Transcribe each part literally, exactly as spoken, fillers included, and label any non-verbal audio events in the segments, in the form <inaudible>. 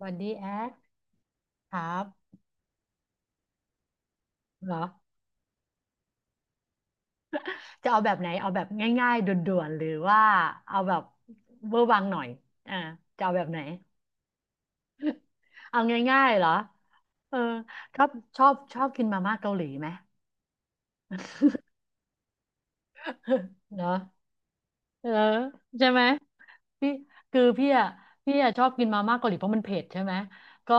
บอดี้แอคครับเหรอจะเอาแบบไหนเอาแบบง่ายๆด่วนๆหรือว่าเอาแบบเวอร์วังหน่อยอ่าจะเอาแบบไหนเอาง่ายๆเหรอเออชอบชอบชอบกินมาม่าเกาหลีไหม <laughs> เหรอเออใช่ไหม พี่คือพี่อ่ะพี่อ่ะชอบกินมาม่าเกาหลีเพราะมันเผ็ดใช่ไหมก็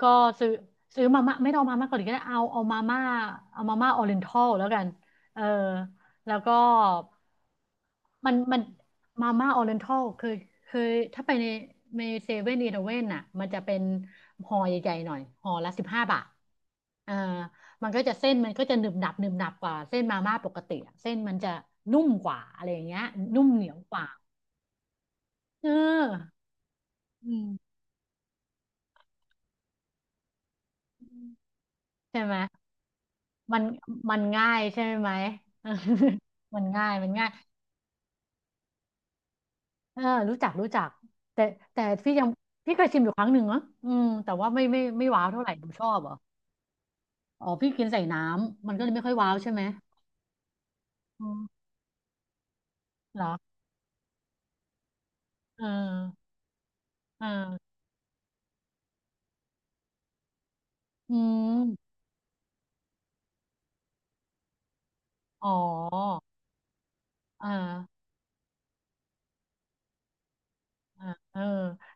ก็ซื้อซื้อมาม่าไม่ต้องมาม่าเกาหลีก็ได้เอาเอามาม่าเอามาม่าออริเอนทัลแล้วกันเออแล้วก็มันมันมาม่าออริเอนทัลเคยเคยถ้าไปในในเซเว่นอีเลฟเว่นอ่ะมันจะเป็นห่อใหญ่ๆหน่อยห่อละสิบห้าบาทเออมันก็จะเส้นมันก็จะหนึบหนับหนึบหนับกว่าเส้นมาม่าปกติอะเส้นมันจะนุ่มกว่าอะไรอย่างเงี้ยนุ่มเหนียวกว่าเออ อืมใช่ไหมมันมันง่ายใช่ไหม <laughs> มันง่ายมันง่ายเออรู้จักรู้จักแต่แต่พี่ยังพี่เคยชิมอยู่ครั้งหนึ่งนะอืมแต่ว่าไม่ไม่ไม่ว้าวเท่าไหร่หนูชอบเหรออ๋อพี่กินใส่น้ำมันก็เลยไม่ค่อยว้าวใช่ไหมอืมเหรอเออเอออืมอ๋อเออ อ่าเออ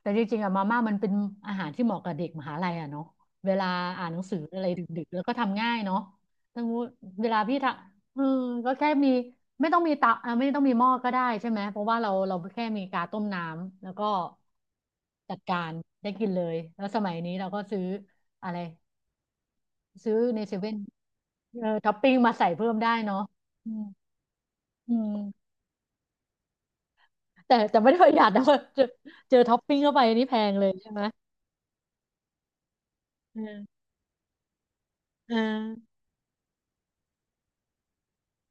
แต่จริงๆอะมาม่ามันเป็นอาหารที่เหมาะกับเด็กมหาลัยอะเนาะเวลาอ่านหนังสืออะไรดึกๆแล้วก็ทำง่ายเนาะทั้งเวลาพี่ทำเออก็แค่มีไม่ต้องมีเตาอ่าไม่ต้องมีหม้อก็ได้ใช่ไหมเพราะว่าเราเราแค่มีกาต้มน้ำแล้วก็จัดการได้กินเลยแล้วสมัยนี้เราก็ซื้ออะไรซื้อในเซเว่นเออท็อปปิ้งมาใส่เพิ่มได้เนาะอืมอืมแต่แต่ไม่ได้ประหยัด <laughs> นะเจอเจอท็อปปิ้งเข้าไปนี่แพงเลยใช่ไหม เออ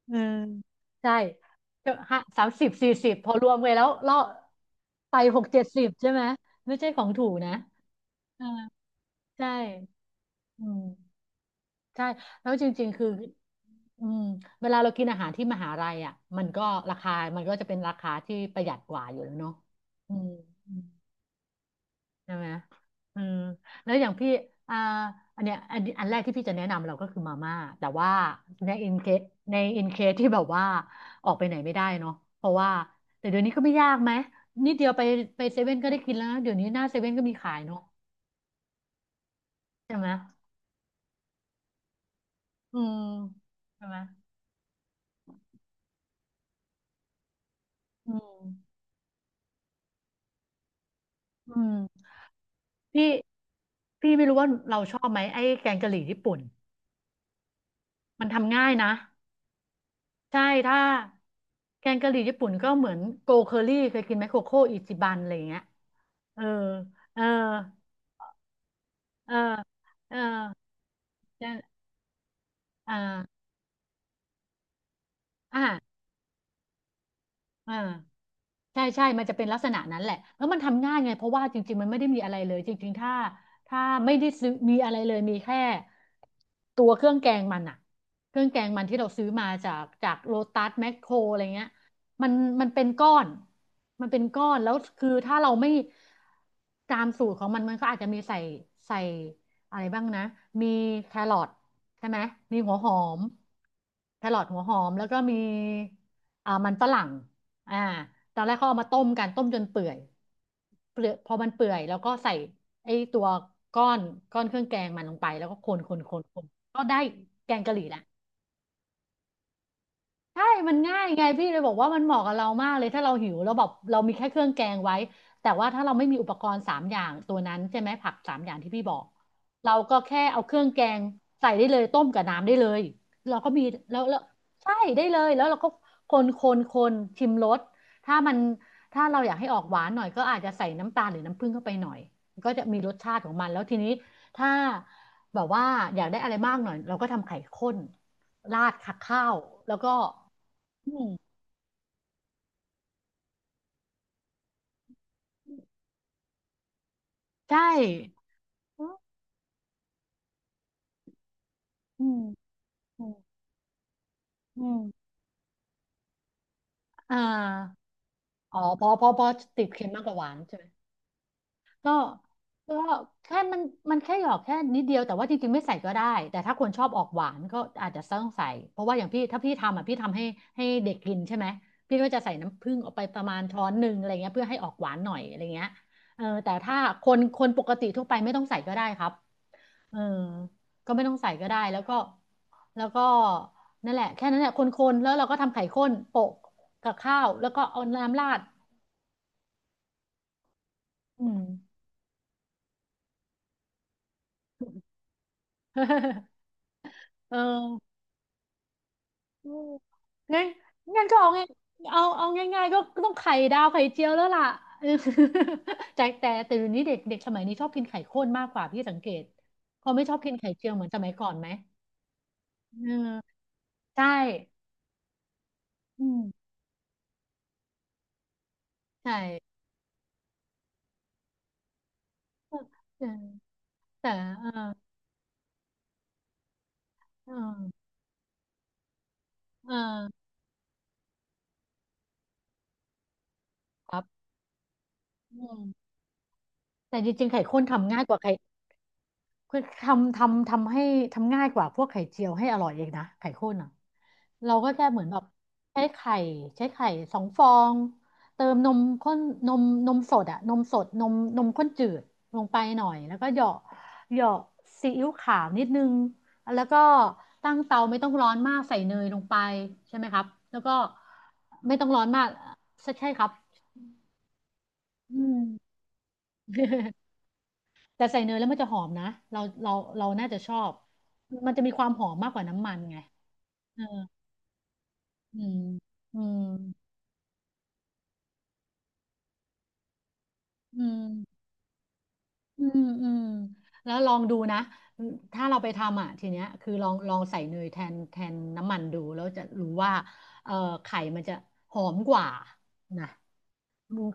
เออใช่ก็ห้าสามสิบสี่สิบพอรวมกันแล้วล่อไปหกเจ็ดสิบใช่ไหมไม่ใช่ของถูกนะเออใช่อืมใช่แล้วจริงๆคืออืมเวลาเรากินอาหารที่มหาลัยอ่ะมันก็ราคามันก็จะเป็นราคาที่ประหยัดกว่าอยู่แล้วเนาะอืม ใช่ไหมอืมแล้วอย่างพี่อ่าอันเนี้ยอันอันแรกที่พี่จะแนะนำเราก็คือมาม่าแต่ว่าในอินเคสในอินเคสที่แบบว่าออกไปไหนไม่ได้เนาะเพราะว่าแต่เดี๋ยวนี้ก็ไม่ยากไหมนิดเดียวไปไปเซเว่นก็ได้กินแล้วนะเดี๋ยวนี้หน้าเซเว่นก็มีขายเนาะใช่ไหมอืมใช่ไหมอืมอืมพี่พี่ไม่รู้ว่าเราชอบไหมไอ้แกงกะหรี่ญี่ปุ่นมันทำง่ายนะ ใช่ถ้าแกงกะหรี่ญี่ปุ่นก็เหมือนโกเคอรี่เคยกินไหมโคโค่อิจิบันอะไรอย่างเงี้ยเออเออเออเออเอออ่าอ่าอ่า ใช่ใช่มันจะเป็นลักษณะนั้นแหละแล้วมันทำง่ายไงเพราะว่าจริงๆมันไม่ได้มีอะไรเลยจริงๆถ้าถ้าไม่ได้ซื้อมีอะไรเลยมีแค่ตัวเครื่องแกงมันอะเครื่องแกงมันที่เราซื้อมาจากจากโลตัสแมคโครอะไรเงี้ยมันมันเป็นก้อน มันเป็นก้อนแล้วคือถ้าเราไม่ตามสูตรของมันมันก็อาจจะมีใส่ใส่อะไรบ้างนะ มีแครอทใช่ไหม มีหัวหอมแครอทหัวหอมแล้วก็มีอ่ามันฝรั่ง อ่าตอนแรกเขาเอามาต้มกันต้มจนเปื่อยเปลือยพอมันเปื่อยแล้วก็ใส่ไอ้ตัวก้อนก้อนเครื่องแกงมันลงไปแล้วก็คนคนคนคนก็ได้แกงกะหรี่ละ ใช่มันง่ายไงพี่เลยบอกว่ามันเหมาะกับเรามากเลยถ้าเราหิวเราแล้วแบบเรามีแค่เครื่องแกงไว้แต่ว่าถ้าเราไม่มีอุปกรณ์สามอย่างตัวนั้นใช่ไหมผักสามอย่างที่พี่บอกเราก็แค่เอาเครื่องแกงใส่ได้เลยต้มกับน้ำได้เลยเราก็มีแล้วแล้วใช่ได้เลยแล้วเราก็คนคนคนชิมรสถ้ามันถ้าเราอยากให้ออกหวานหน่อยก็อาจจะใส่น้ำตาลหรือน้ำผึ้งเข้าไปหน่อยก็จะมีรสชาติของมันแล้วทีนี้ถ้าแบบว่าอยากได้อะไรมากหน่อยเราก็ทำไข่ข้นราดขักข้าวแล้วก็ อืมใช่อืมอืมอืมอืมอ่าอ๋อเพอพอพอติดเค็มมากกว่าหวานใช่ไหมก็ก็แค่มันมันแค่หยอกแค่นิดเดียว แต่ว่าจริงๆไม่ใส่ก็ได้ แต่ถ้าคนชอบออกหวานก็อาจจะต้องใส่เพราะว่าอย่างพี่ถ้าพี่ทำอ่ะพี่ทำให้ให้เด็กกินใช่ไหมพี่ก็จะใส่น้ำผึ้งออกไปประมาณช้อนหนึ่งอะไรเงี้ยเพื่อให้ออกหวานหน่อยอะไรเงี้ยเออแต่ถ้าคนคนปกติทั่วไปไม่ต้องใส่ก็ได้ครับ เออก็ไม่ต้องใส่ก็ได้แล้วก็แล้วก็นั่นแหละแค่นั้นแหละคนๆแล้วเราก็ทำไข่ข้นโปะกับข้าวแล้วก็เอาน้ำราดอืม <laughs> เอออืมงั้นงั้นก็เอาไงเอาเอาง่ายๆก็ต้องไข่ดาวไข่เจียวแล้วล่ะ <laughs> แต่แต่แต่เดี๋ยวนี้เด็กเด็กสมัยนี้ชอบกินไข่ข้นมากกว่าพี่สังเกตเขาไม่ชอบกินไข่เจียวเหมือนสมัยก่อนไหมเออใช่อืมใช่เออแต่เออเออเออครับ อืมแต่จริงๆไข่ข้นทำง่ายกว่าไข่คือทำทำทำให้ทำง่ายกว่าพวกไข่เจียวให้อร่อยเองนะไข่ข้นอ่ะเราก็แค่เหมือนแบบใช้ไข่ใช้ไข่สองฟองเติมนมข้นนมนมสดอ่ะนมสดนมนมข้นจืดลงไปหน่อยแล้วก็เหยาะเหยาะซีอิ๊วขาวนิดนึงแล้วก็ตั้งเตาไม่ต้องร้อนมากใส่เนยลงไปใช่ไหมครับแล้วก็ไม่ต้องร้อนมากใช่ครับอืม <laughs> แต่ใส่เนยแล้วมันจะหอมนะเราเราเราน่าจะชอบมันจะมีความหอมมากกว่าน้ำมันไงเอออืมอืมอืมอืมอืมแล้วลองดูนะถ้าเราไปทำอ่ะทีเนี้ยคือลองลองใส่เนยแทนแทนน้ำมันดูแล้วจะรู้ว่าเอ่อไข่มันจะหอมกว่านะ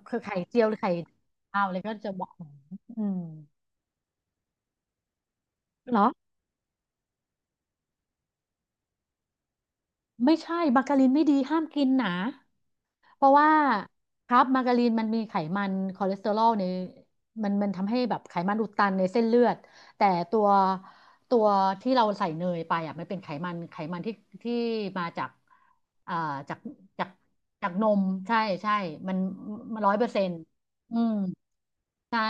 คือไข่เจียวหรือไข่ขาวอะไรก็จะบอกหอมอืมเหรอ ไม่ใช่มาการินไม่ดีห้ามกินนะเพราะว่าครับมาการีนมันมีไขมันคอเลสเตอรอลในมันมันทำให้แบบไขมันอุดตันในเส้นเลือดแต่ตัวตัวที่เราใส่เนยไปอ่ะมันเป็นไขมันไขมันที่ที่มาจากอ่าจากจากจากนมใช่ใช่มันร้อยเปอร์เซ็นต์ อืมใช่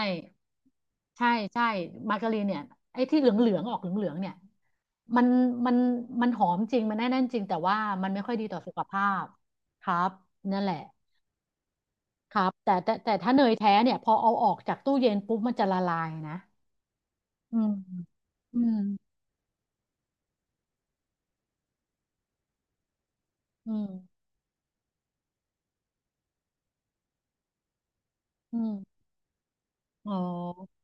ใช่ใช่มาการีนเนี่ยไอ้ที่เหลืองเหลืองออกเหลืองเหลืองเนี่ยมันมันมันหอมจริงมันแน่นๆจริงแต่ว่ามันไม่ค่อยดีต่อสุขภาพครับนั่นแหละครับแต่แต่แต่ถ้าเนยแท้เนี่ยพอเอาออกจากตู้เย็นปุ๊บมันจะละลายนะอืมอืมอืมอืมอ๋อ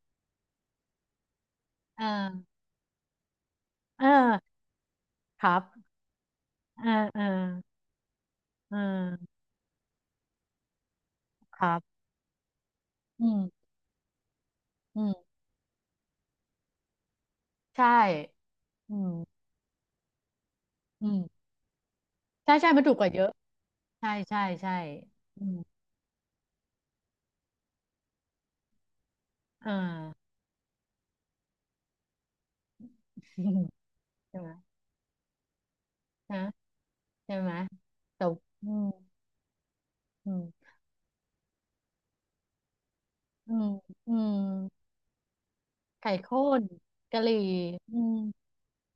อ่าเออครับเออเออเออครับอืมอืมใช่อืมอืมใช่ใช่มันถูกกว่าเยอะ ใช่ใช่ใช่อืมอ่า <laughs> ใช่ไหมนะใช่ไหมแต่อืมอืมอืมอืมไข่ข้นกะหรี่อืม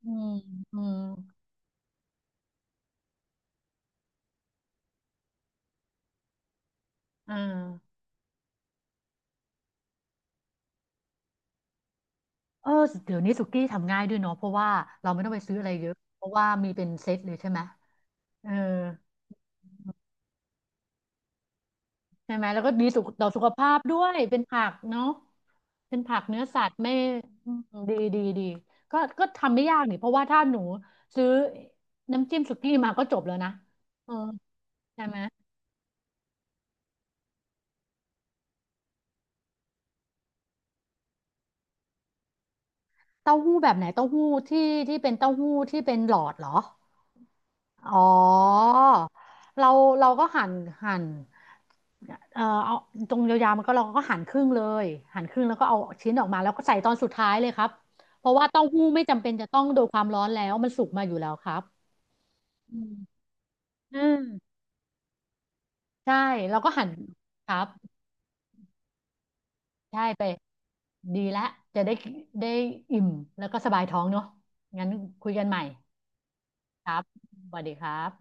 อืมอืมอ่าเออเดี๋ยวนี้สุกี้ทำง่ายด้วยเนาะเพราะว่าเราไม่ต้องไปซื้ออะไรเยอะเพราะว่ามีเป็นเซตเลยใช่ไหมเออ ใช่ไหมแล้วก็ดีสุขต่อสุขภาพด้วยเป็นผักเนาะเป็นผักเนื้อสัตว์ไม่อืมดีดีดีก็ก็ทำไม่ยากนี่เพราะว่าถ้าหนูซื้อน้ำจิ้มสุกี้มาก็จบแล้วนะเออใช่ไหมเต้าหู้แบบไหนเต้าหู้ที่ที่เป็นเต้าหู้ที่เป็นหลอดเหรออ๋อเราเราก็หั่นหั่น เออเอาตรงยาวๆมันก็เราก็หั่นครึ่งเลยหั่นครึ่งแล้วก็เอาชิ้นออกมาแล้วก็ใส่ตอนสุดท้ายเลยครับเพราะว่าเต้าหู้ไม่จำเป็นจะต้องโดนความร้อนแล้วมันสุกมาอยู่แล้วครับอืมอืมใช่แล้วก็หั่นครับใช่ไปดีแล้วจะได้ได้อิ่มแล้วก็สบายท้องเนาะงั้นคุยกันใหม่ครับสวัสดีครับ